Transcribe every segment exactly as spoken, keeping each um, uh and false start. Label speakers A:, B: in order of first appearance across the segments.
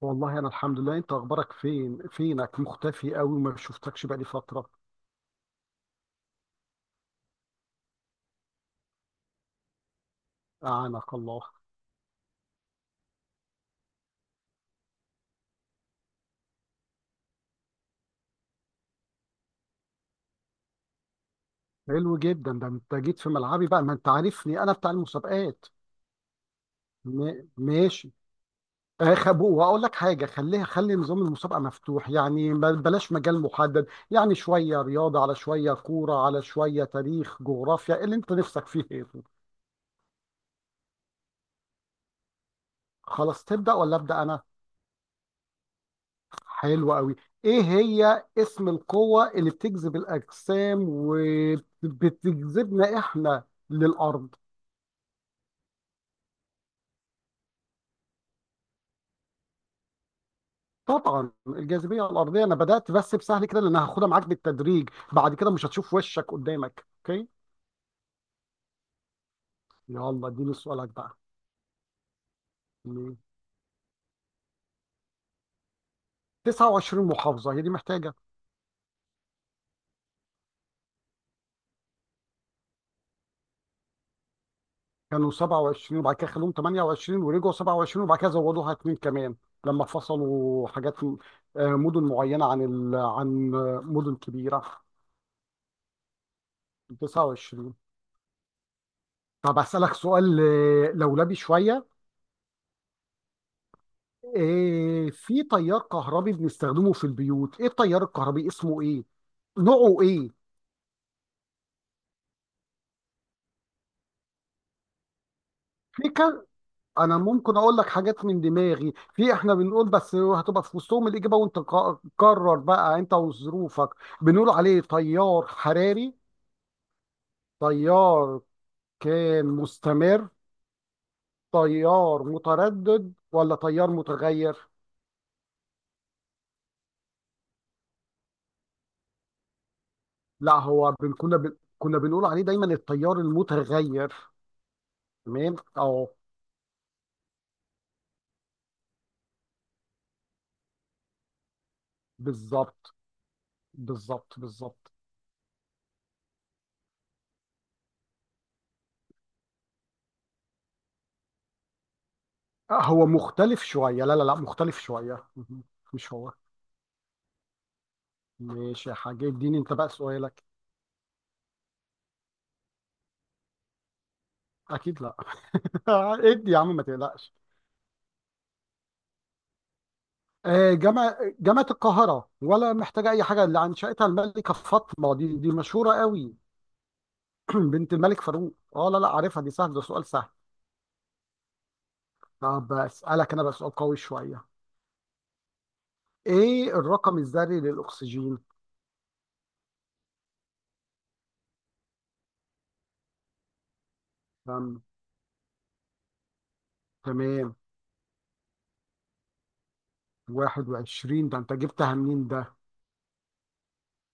A: والله، انا الحمد لله، انت اخبارك فين فينك مختفي قوي وما شفتكش بقالي فتره. اعانك الله. حلو جدا، ده انت جيت في ملعبي بقى، ما انت عارفني انا بتاع المسابقات. م... ماشي. اخب واقول لك حاجه، خليها خلي نظام المسابقه مفتوح، يعني ما- بلاش مجال محدد. يعني شويه رياضه، على شويه كوره، على شويه تاريخ جغرافيا، اللي انت نفسك فيه ايه. خلاص، تبدا ولا ابدا انا؟ حلو قوي. ايه هي اسم القوة اللي بتجذب الاجسام وبتجذبنا احنا للارض؟ طبعا الجاذبية الارضية. انا بدأت بس بسهل كده، لان هاخدها معاك بالتدريج، بعد كده مش هتشوف وشك قدامك. اوكي، يلا اديني سؤالك بقى. تسعة وعشرين محافظة هي دي محتاجة. كانوا سبعة وعشرين وبعد كده خلوهم ثمانية وعشرين، ورجعوا سبعة وعشرين، وبعد كده زودوها اتنين كمان لما فصلوا حاجات. آه، مدن معينة عن ال... عن آه، مدن كبيرة. تسعة وعشرين. طب أسألك سؤال آه، لولبي شوية. آه، في تيار كهربي بنستخدمه في البيوت، إيه التيار الكهربي، اسمه إيه؟ نوعه إيه؟ فكر. أنا ممكن أقول لك حاجات من دماغي، في إحنا بنقول، بس هتبقى في وسطهم الإجابة، وأنت قا- قرر بقى أنت وظروفك. بنقول عليه تيار حراري، تيار كان مستمر، تيار متردد، ولا تيار متغير. لا، هو بن- كنا بن- كنا بنقول عليه دايما التيار المتغير. تمام اه. بالظبط. بالظبط. بالظبط. آه، هو مختلف شوية، لا لا لا مختلف شوية. مهم. مش هو. ماشي يا حاج، اديني انت بقى سؤالك. اكيد لا. ادي يا عم ما تقلقش. آه، جامع جامعة القاهرة، ولا محتاجة أي حاجة، اللي أنشأتها الملكة فاطمة، دي دي مشهورة قوي. بنت الملك فاروق. اه، لا لا، عارفها دي، سهل ده، سؤال سهل. طب أسألك أنا بقى سؤال قوي شوية. إيه الرقم الذري للأكسجين؟ تم- تمام. واحد وعشرين ده أنت جبتها منين ده؟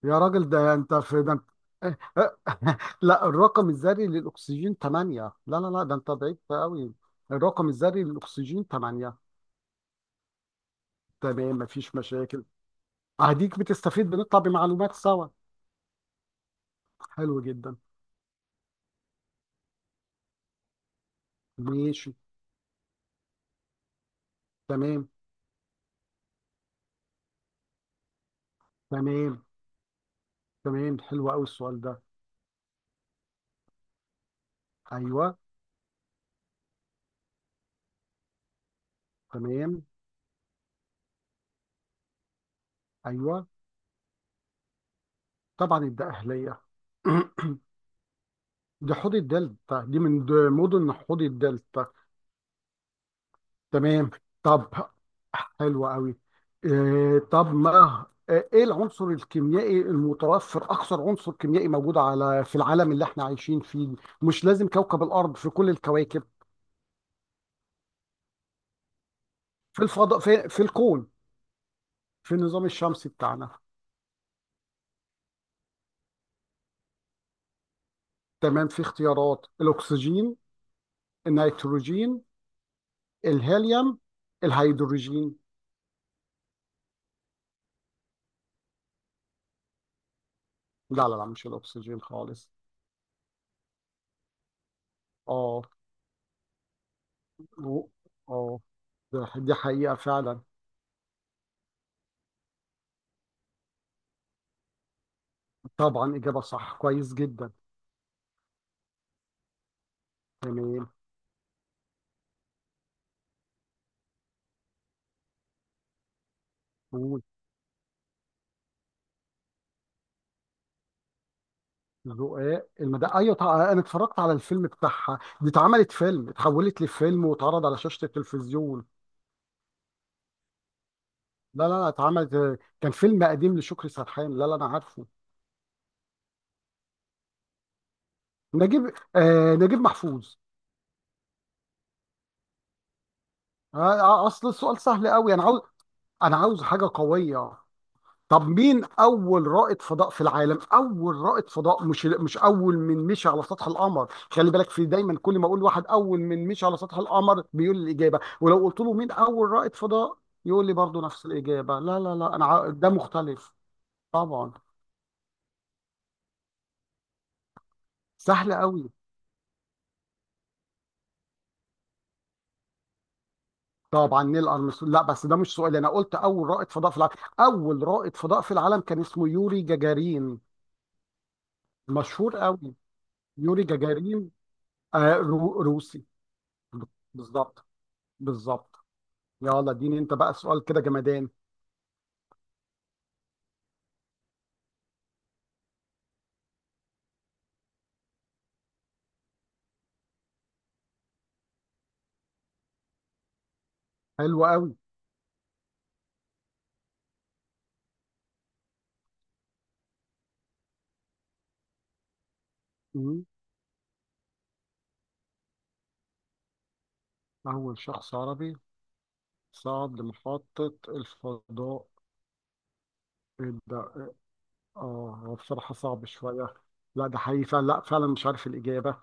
A: يا راجل، ده انت، في ده انت. لا، الرقم الذري للاكسجين ثمانية، لا لا لا ده انت بعيد قوي. الرقم الذري للاكسجين ثمانية. تمام، مفيش مشاكل. اديك بتستفيد، بنطلع بمعلومات سوا. حلو جدا. ماشي. تمام. تمام. تمام، حلو قوي السؤال ده. ايوه. تمام. ايوه. طبعا الدقهليه. دي حوض الدلتا، دي من د- مدن حوض الدلتا. تمام. طب. حلو قوي. إيه طب ما آه، ايه العنصر الكيميائي المتوفر، اكثر عنصر كيميائي موجود على في العالم اللي احنا عايشين فيه؟ مش لازم كوكب الارض، في كل الكواكب. في الفضاء، في, في الكون. في النظام الشمسي بتاعنا. تمام. في اختيارات، الاكسجين، النيتروجين، الهيليوم، الهيدروجين. لا لا لا، مش الاكسجين خالص. اه. و- اه ده- دي حقيقة فعلا. طبعا، إجابة صح، كويس جدا. تمام، قول. ذقاق المدى، ايوه طبعا، انا اتفرجت على الفيلم بتاعها، دي اتعملت فيلم، اتحولت لفيلم، واتعرض على شاشه التلفزيون. لا لا لا، اتعملت، كان فيلم قديم لشكري سرحان، لا لا انا عارفه. نجيب. آه، نجيب محفوظ. آه آه، اصل السؤال سهل قوي، انا عاوز، انا عاوز حاجه قويه. طب مين اول رائد فضاء في العالم؟ اول رائد فضاء، مش مش اول من مشي على سطح القمر، خلي بالك. في دايما كل ما اقول واحد اول من مشي على سطح القمر بيقول لي الاجابه، ولو قلت له مين اول رائد فضاء يقول لي برضو نفس الاجابه. لا لا لا، انا ع- ده مختلف. طبعا. سهل قوي. طبعا نيل ارمسترونج، لا بس ده مش سؤال، انا قلت اول رائد فضاء في العالم. اول رائد فضاء في العالم كان اسمه يوري جاجارين. مشهور قوي. يوري جاجارين. آه رو- روسي. بالظبط. بالظبط. يلا اديني انت بقى سؤال كده جمدان. حلو قوي. مم. اول شخص عربي صعد لمحطة الفضاء. إيه ده إيه؟ اه، هو بصراحة صعب شوية. لا ده حقيقي فعلا، لا فعلا مش عارف الإجابة.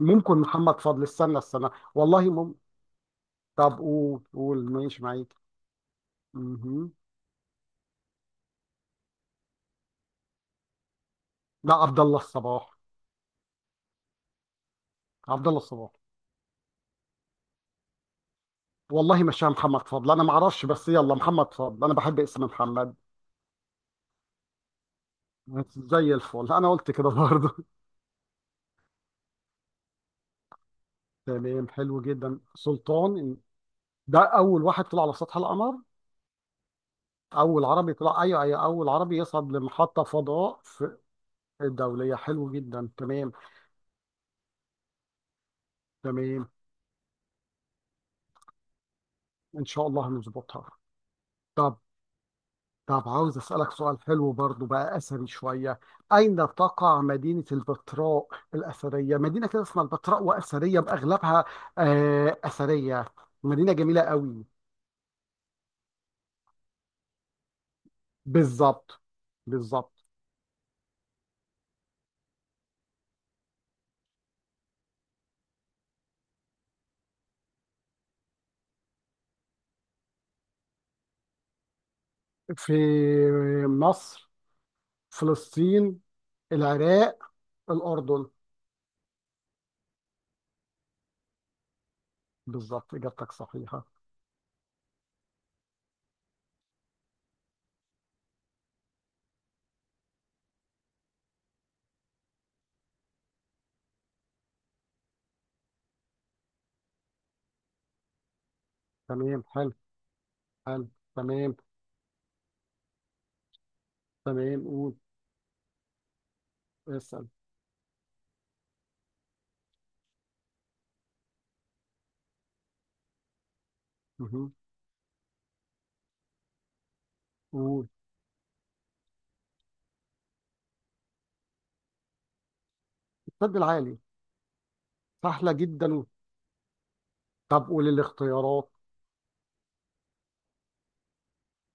A: ممكن محمد فضل، استنى استنى، والله ممكن. طب قول، قول، ماشي معاك. مهم. لا، عبد الله الصباح. عبد الله الصباح. والله مش محمد فضل، انا ما اعرفش، بس يلا محمد فضل، انا بحب اسم محمد. زي الفل، انا قلت كده برضه. تمام، حلو جدا سلطان. ده اول واحد طلع على سطح القمر. اول عربي طلع، ايوه ايوه، اول عربي يصعد لمحطه فضاء في الدوليه. حلو جدا، تمام. تمام. ان شاء الله هنظبطها. طب. طب عاوز اسالك سؤال حلو برضو بقى، اثري شويه. اين تقع مدينه البتراء الاثريه؟ مدينه كده اسمها البتراء، واثريه باغلبها. آه اثريه. مدينه جميله قوي. بالظبط. بالظبط. في مصر؟ فلسطين؟ العراق؟ الأردن؟ بالظبط، إجابتك صحيحة. تمام حلو. حلو. تمام. تمام، قول. اسأل. مهم. قول. السد العالي. سهلة جدا. طب قول الاختيارات.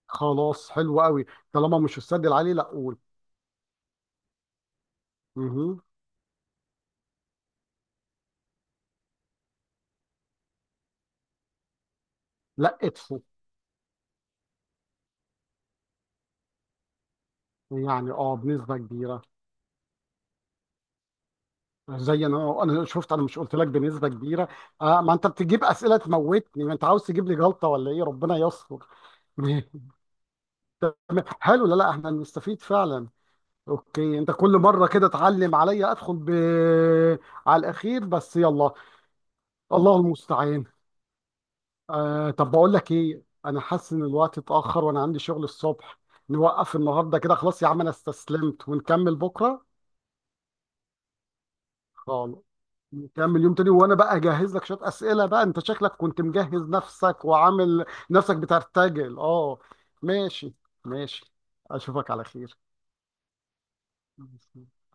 A: خلاص، حلو قوي. طالما مش السد العالي، لا قول. مهم. لا، ادفو. يعني اه، بنسبة كبيرة. زي انا، انا شفت، انا مش قلت لك بنسبة كبيرة. آه، ما انت بتجيب اسئلة تموتني، ما انت عاوز تجيب لي جلطة ولا ايه؟ ربنا يستر. تمام حلو، لا لا، احنا نستفيد فعلا. اوكي، انت كل مره كده تعلم عليا، ادخل ب... على الاخير، بس يلا. الله المستعان. آه طب بقول لك ايه، انا حاسس ان الوقت اتاخر، وانا عندي شغل الصبح. نوقف النهارده كده، خلاص يا عم، انا استسلمت، ونكمل بكره. خلاص. نكمل يوم تاني، وانا بقى اجهز لك شويه اسئله بقى، انت شكلك كنت مجهز نفسك، وعامل نفسك بترتجل اه. ماشي. ماشي. اشوفك على خير.